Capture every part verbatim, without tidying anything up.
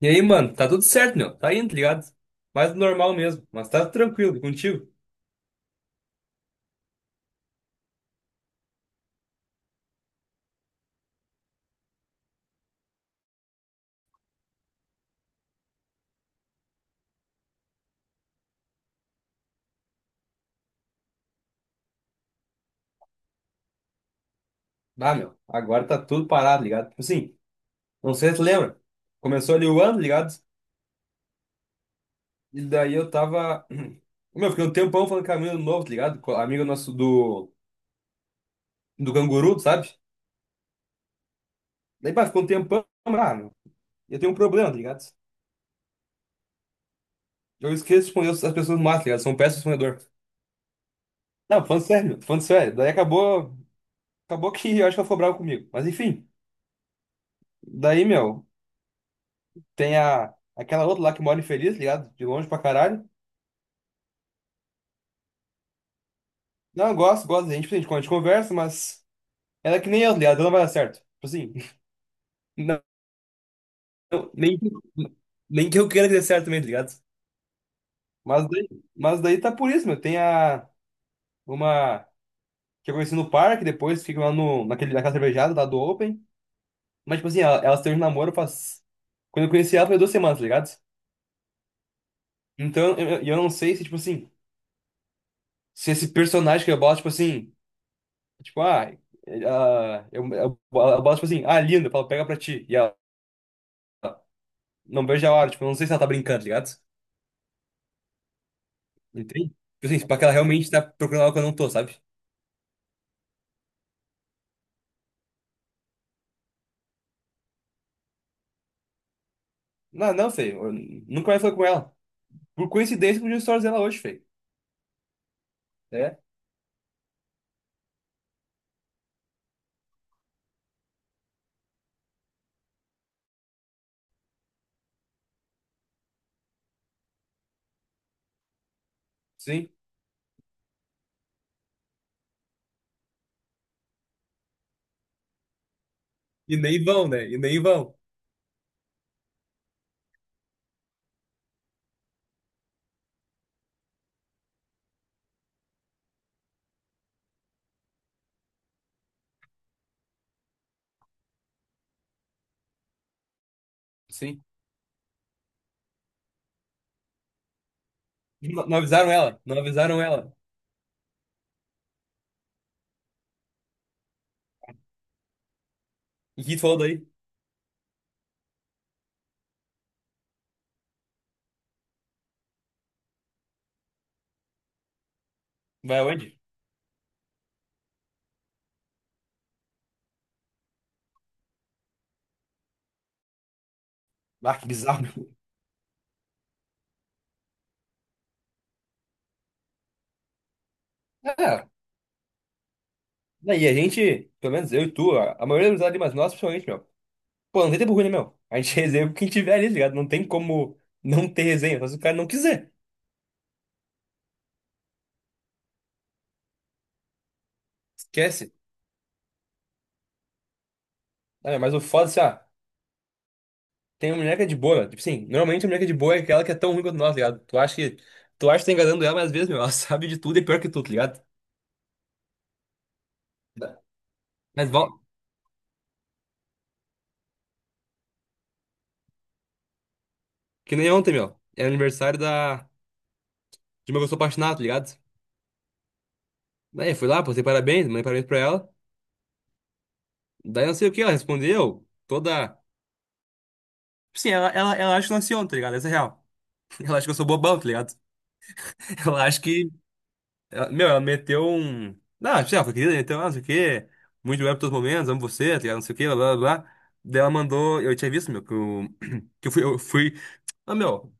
E aí, mano, tá tudo certo, meu. Tá indo, tá ligado? Mais do normal mesmo, mas tá tranquilo e contigo. Ah, meu, agora tá tudo parado, ligado? Tipo assim, não sei se tu lembra. Começou ali o ano, ligado? E daí eu tava. Meu, fiquei um tempão falando com a mina do novo, tá ligado? Com a amiga nosso do, do canguru, sabe? Daí, pá, ficou um tempão, ah, meu. Eu tenho um problema, tá ligado? Eu esqueço de responder as pessoas mais, tá ligado? São péssimo respondedor. Não, falando sério, meu, falando sério. Daí acabou. Acabou que eu acho que ela ficou brava comigo. Mas enfim, daí, meu. Tem a, aquela outra lá que mora infeliz, ligado? De longe pra caralho. Não, eu gosto, gosto da gente, a gente, a gente conversa, mas ela é que nem eu, tá ligado? Ela não vai dar certo. Tipo assim, não, não, nem, nem que eu queira que dê certo também, tá ligado? Mas daí, mas daí tá por isso, meu. Tem a, uma que eu conheci no parque, depois fica lá no, naquele, naquela cervejada lá do Open. Mas, tipo assim, ela, ela teve um namoro faz. Quando eu conheci ela, foi duas semanas, tá ligado? Então, eu, eu eu não sei se, tipo assim, se esse personagem que eu boto, tipo assim. Tipo, ah, ah, eu, eu, eu boto, tipo assim, ah, linda, eu falo, pega pra ti. E ela não vejo a hora, tipo, eu não sei se ela tá brincando, tá ligado? Entende? Tipo assim, tipo, que ela realmente tá procurando algo que eu não tô, sabe? Não, não, sei, eu nunca mais falei com ela. Por coincidência, podia stories dela hoje, feio. É? Sim. E nem vão, né? E nem vão. Sim. Não, não avisaram ela, não avisaram ela. E que tu falou daí? Vai aonde? Ah, que bizarro. Meu. Ah, e a gente, pelo menos eu e tu, a, a maioria das amizades, mas nós, principalmente, meu. Pô, não tem tempo ruim, né, meu? A gente resenha com quem tiver ali, tá ligado? Não tem como não ter resenha, só se o cara não quiser. Esquece. Ah, mas o foda, assim, ó, tem uma mulher que é de boa, meu. Tipo assim, normalmente a mulher que é de boa é aquela que é tão ruim quanto nós, tá ligado? Tu acha que, tu acha que tá enganando ela, mas às vezes, meu, ela sabe de tudo e é pior que tu, tá ligado? Mas volta. Que nem ontem, meu. Era aniversário da... de uma pessoa apaixonada, tá ligado? Daí eu fui lá, postei parabéns, mandei parabéns pra ela. Daí não sei o que, ela respondeu toda. Sim, ela, ela, ela acha que eu nasci ontem, tá ligado? Essa é real. Ela acha que eu sou bobão, tá ligado? Ela acha que Ela- meu, ela meteu um. Ah, já, foi querida, então, ah, não sei o quê. Muito bem por todos os momentos, amo você, tá ligado? Não sei o quê, blá blá blá. Daí ela mandou. Eu tinha visto, meu, que eu. Que eu fui. Eu fui. Ah, meu,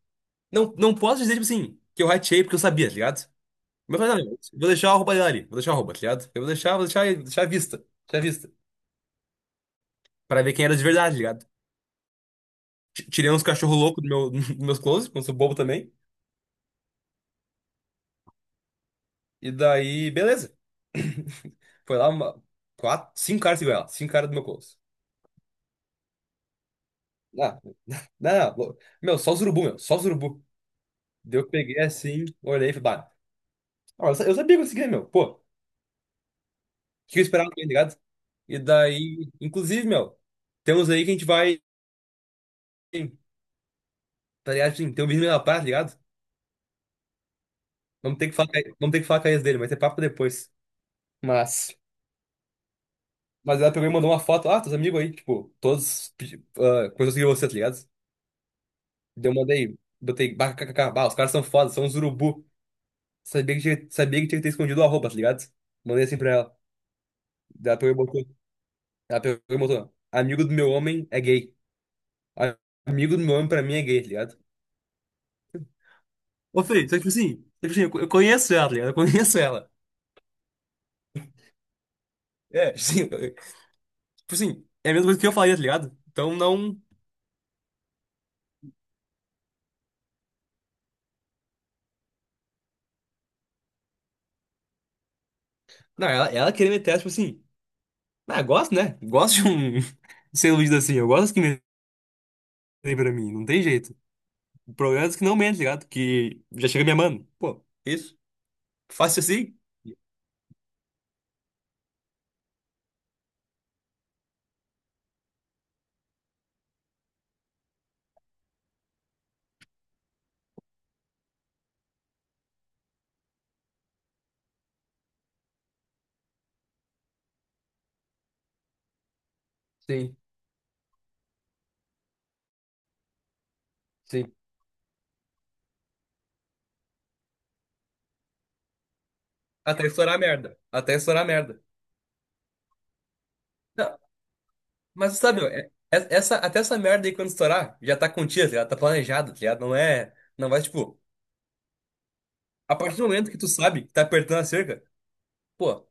não, não posso dizer, tipo assim, que eu rateei porque eu sabia, tá ligado? Mas eu falei, não, meu, vou deixar a roupa dela ali, vou deixar a roupa, tá ligado? Eu vou deixar, vou deixar, deixar à vista, deixar à vista. Pra ver quem era de verdade, tá ligado? Ti- Tirei uns cachorro louco do meu, dos meus clothes, porque eu sou bobo também. E daí, beleza. Foi lá uma, quatro, cinco caras igual ela, cinco caras do meu close. Não, lo- meu, só os urubu, meu, só os urubu. Daí eu peguei assim, olhei e falei, bah, ó, eu sa- eu sabia que eu conseguia, meu, pô, o que eu esperava, tá ligado? E daí, inclusive, meu, temos aí que a gente vai, tá ligado? Assim, tem um vídeo na praia, tá ligado? Vamos ter que falar, com a- vamos ter que falar com a ex dele, mas é papo depois. Mas, mas ela pegou e mandou uma foto, ah, teus amigos aí, tipo, todos pedi- ah, coisas que você, tá ligado? Daí eu mandei, botei, bah, kkk, bah, os caras são foda, são os urubu. Sabia que tinha, sabia que tinha que ter escondido o arroba, tá ligado? Mandei assim pra ela. Daí ela pegou e botou. Ela pegou e botou: Amigo do meu homem é gay. A- Amigo do meu homem pra mim é gay, tá ligado? Ô, Fê, só que, tipo assim, só que, tipo assim, eu co- eu conheço ela, tá ligado? Eu conheço ela. É, tipo assim, eu- tipo assim, é a mesma coisa que eu faria, tá ligado? Então não. Não, ela, ela queria meter, essa, tipo assim. Ah, gosto, né? Gosto de um. de ser iludido assim, eu gosto que metem pra mim, não tem jeito. O problema é que não mentem, tá ligado? Que já chega me amando. Pô, isso? Fácil assim? Sim, sim. Até estourar a merda. Até estourar a merda. Mas sabe, meu, é- é- essa, até essa merda aí quando estourar, já tá contida, tá ligado? Tá planejado, tá ligado? Não é. Não vai, tipo, a partir do momento que tu sabe que tá apertando a cerca, pô.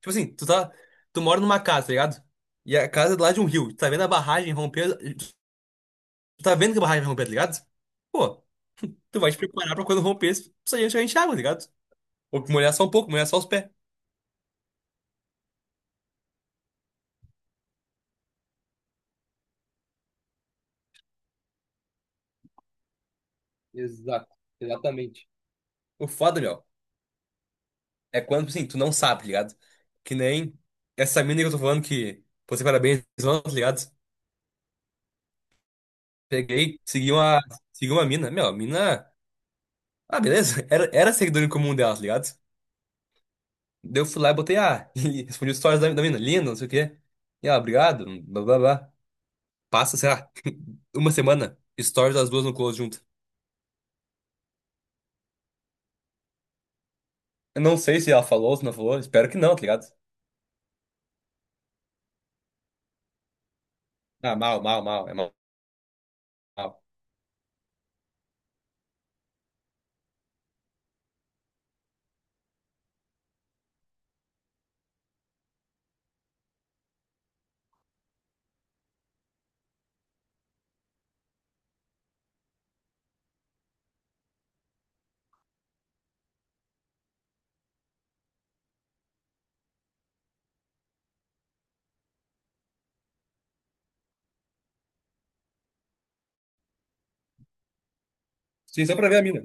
Tipo assim, tu tá. Tu mora numa casa, tá ligado? E a casa é do lado de um rio. Tu tá vendo a barragem romper. Tu tá vendo que a barragem vai romper, tá ligado? Pô, tu vai te preparar pra quando romper, tu sair encher água, tá ligado? Ou molhar só um pouco, molhar só os pés. Exato, exatamente. O foda, meu. É quando, assim, tu não sabe, tá ligado? Que nem essa mina que eu tô falando que, pô, você parabéns, mano, tá ligado? Peguei, segui uma, segui uma mina. Meu, a mina. Ah, beleza. Era, era seguidor em comum dela, tá ligado? Daí eu fui lá e botei, ah, e respondi stories da, da mina, linda, não sei o quê. E ela, obrigado, blá blá blá. Passa, sei lá, uma semana, stories das duas no close junto. Eu não sei se ela falou, se não falou, espero que não, tá ligado? Ah, mal, mal, mal, é mal, mal. Sim, só pra ver a mina.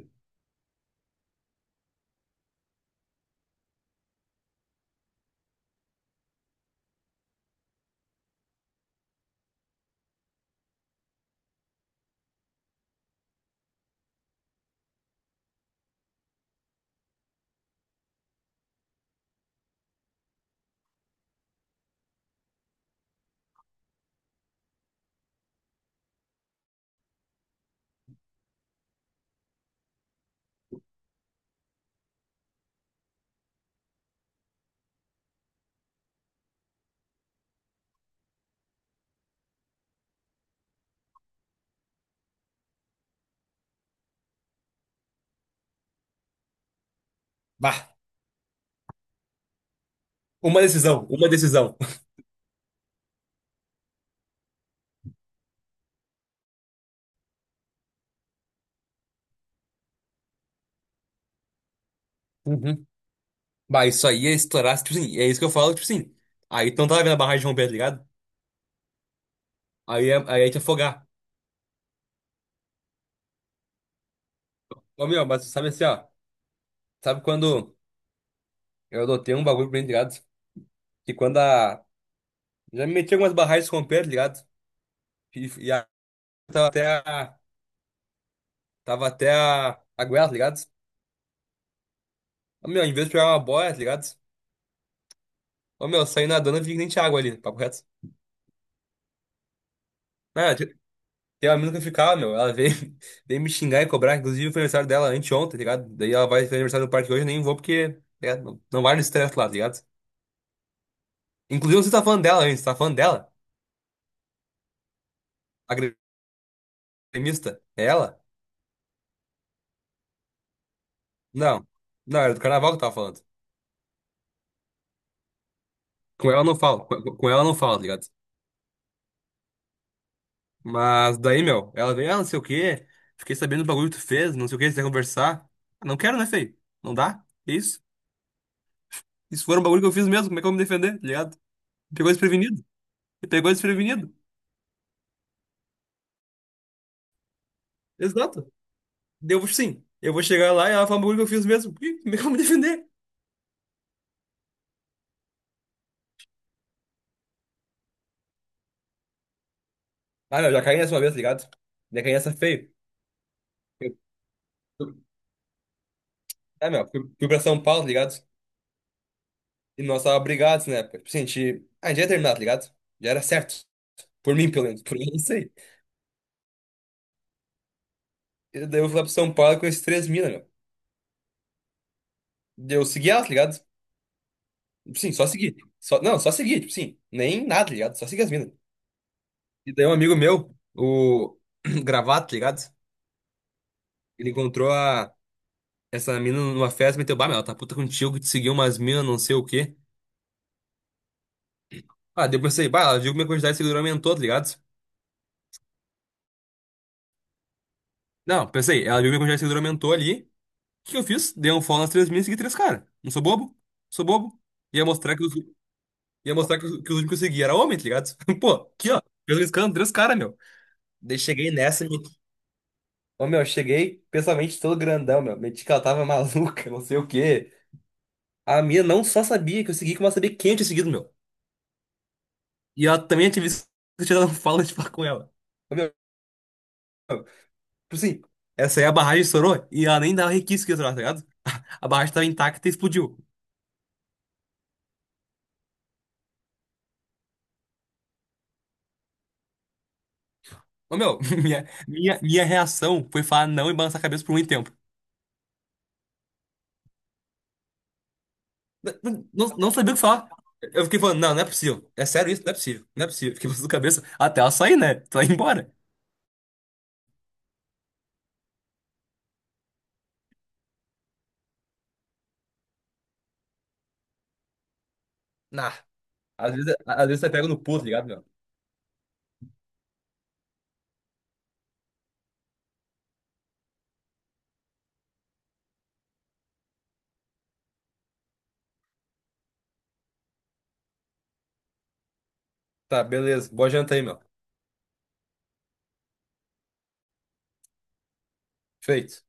Bah, uma decisão, uma decisão. Bah, isso aí ia estourar, tipo assim, é isso que eu falo, tipo assim. Aí tu não tava vendo a barragem romper, tá ligado? Aí ia, aí ia te afogar. Ô, meu, mas sabe assim, ó. Sabe quando eu adotei um bagulho pra mim, tá ligado? Que quando a. Já me meti em algumas barragens romper, tá ligado? E, e a... tava até a. Tava até a. A goela, tá ligado? Ô, meu, em vez de pegar uma boia, tá ligado? Ô, meu, eu saí nadando e vi que nem tinha água ali, papo reto. Ah, tem uma mina que eu ficava, meu. Ela veio, veio me xingar e cobrar. Inclusive, foi aniversário dela anteontem, tá ligado? Daí ela vai fazer aniversário do parque hoje, eu nem vou porque tá ligado? Não, não vale o estresse lá, tá ligado? Inclusive, você tá falando dela antes, tá falando dela? A gremista? É ela? Não. Não, era do carnaval que eu tava falando. Com ela eu não falo, com, com ela eu não falo, tá ligado? Mas daí, meu, ela vem, ah, não sei o quê. Fiquei sabendo do bagulho que tu fez, não sei o quê, você quer conversar. Ah, não quero, né, feio? Não dá? É isso? Isso foi um bagulho que eu fiz mesmo, como é que eu vou me defender, tá ligado? Me pegou desprevenido. Me pegou desprevenido. Exato. Devo sim. Eu vou chegar lá e ela fala um bagulho que eu fiz mesmo. Ih, como é que eu vou me defender? Ah, meu, já caí nessa uma vez, tá ligado? Já caí nessa feio. Eu, eu-, é, meu, fui, fui pra São Paulo, tá ligado? E nós tava brigados na época. Tipo assim, a gente, ah, a gente ia terminar, tá ligado? Já era certo. Por mim, pelo menos. Por mim, não sei. E daí eu fui lá pra São Paulo com esses três mina, meu. Daí eu segui ela, tá ligado? Tipo sim, só segui. Só, não, só segui, tipo assim. Nem nada, tá ligado? Só segui as minas. E daí um amigo meu, o Gravato, tá ligado? Ele encontrou a. Essa mina numa festa meteu, bah, meu, ela tá puta contigo que te seguiu umas minas, não sei o quê. Ah, daí eu pensei, bah, ela viu que minha quantidade de seguidor aumentou, tá ligado? Não, pensei, ela viu que minha quantidade de seguidor aumentou ali. O que que eu fiz? Dei um follow nas três minas e segui três caras. Não sou bobo? Sou bobo. Ia mostrar que os, ia mostrar que os, que os únicos que eu segui era homem, tá ligado? Pô, aqui, ó. Pelo escândalo, três caras, meu. Daí cheguei nessa, me... Ô, meu, cheguei pensamento todo grandão, meu. Meti que ela tava maluca, não sei o quê. A minha não só sabia que eu segui, como ela sabia quem eu tinha seguido, meu. E ela também é ativista tirando fala de falar com ela. Ô, Meu, meu, tipo assim, essa aí a barragem estourou e ela nem dava requisito que ia estourar, tá ligado? A barragem tava intacta e explodiu. Ô meu, minha, minha, minha reação foi falar não e balançar a cabeça por muito tempo. Não, não não sabia o que falar. Eu fiquei falando, não, não é possível. É sério isso? Não é possível. Não é possível. Fiquei balançando a cabeça até ela sair, né? Ela ir embora. Nah. Às vezes, às vezes você pega no pulo, tá ligado, meu? Tá, beleza. Boa janta aí, meu. Feito.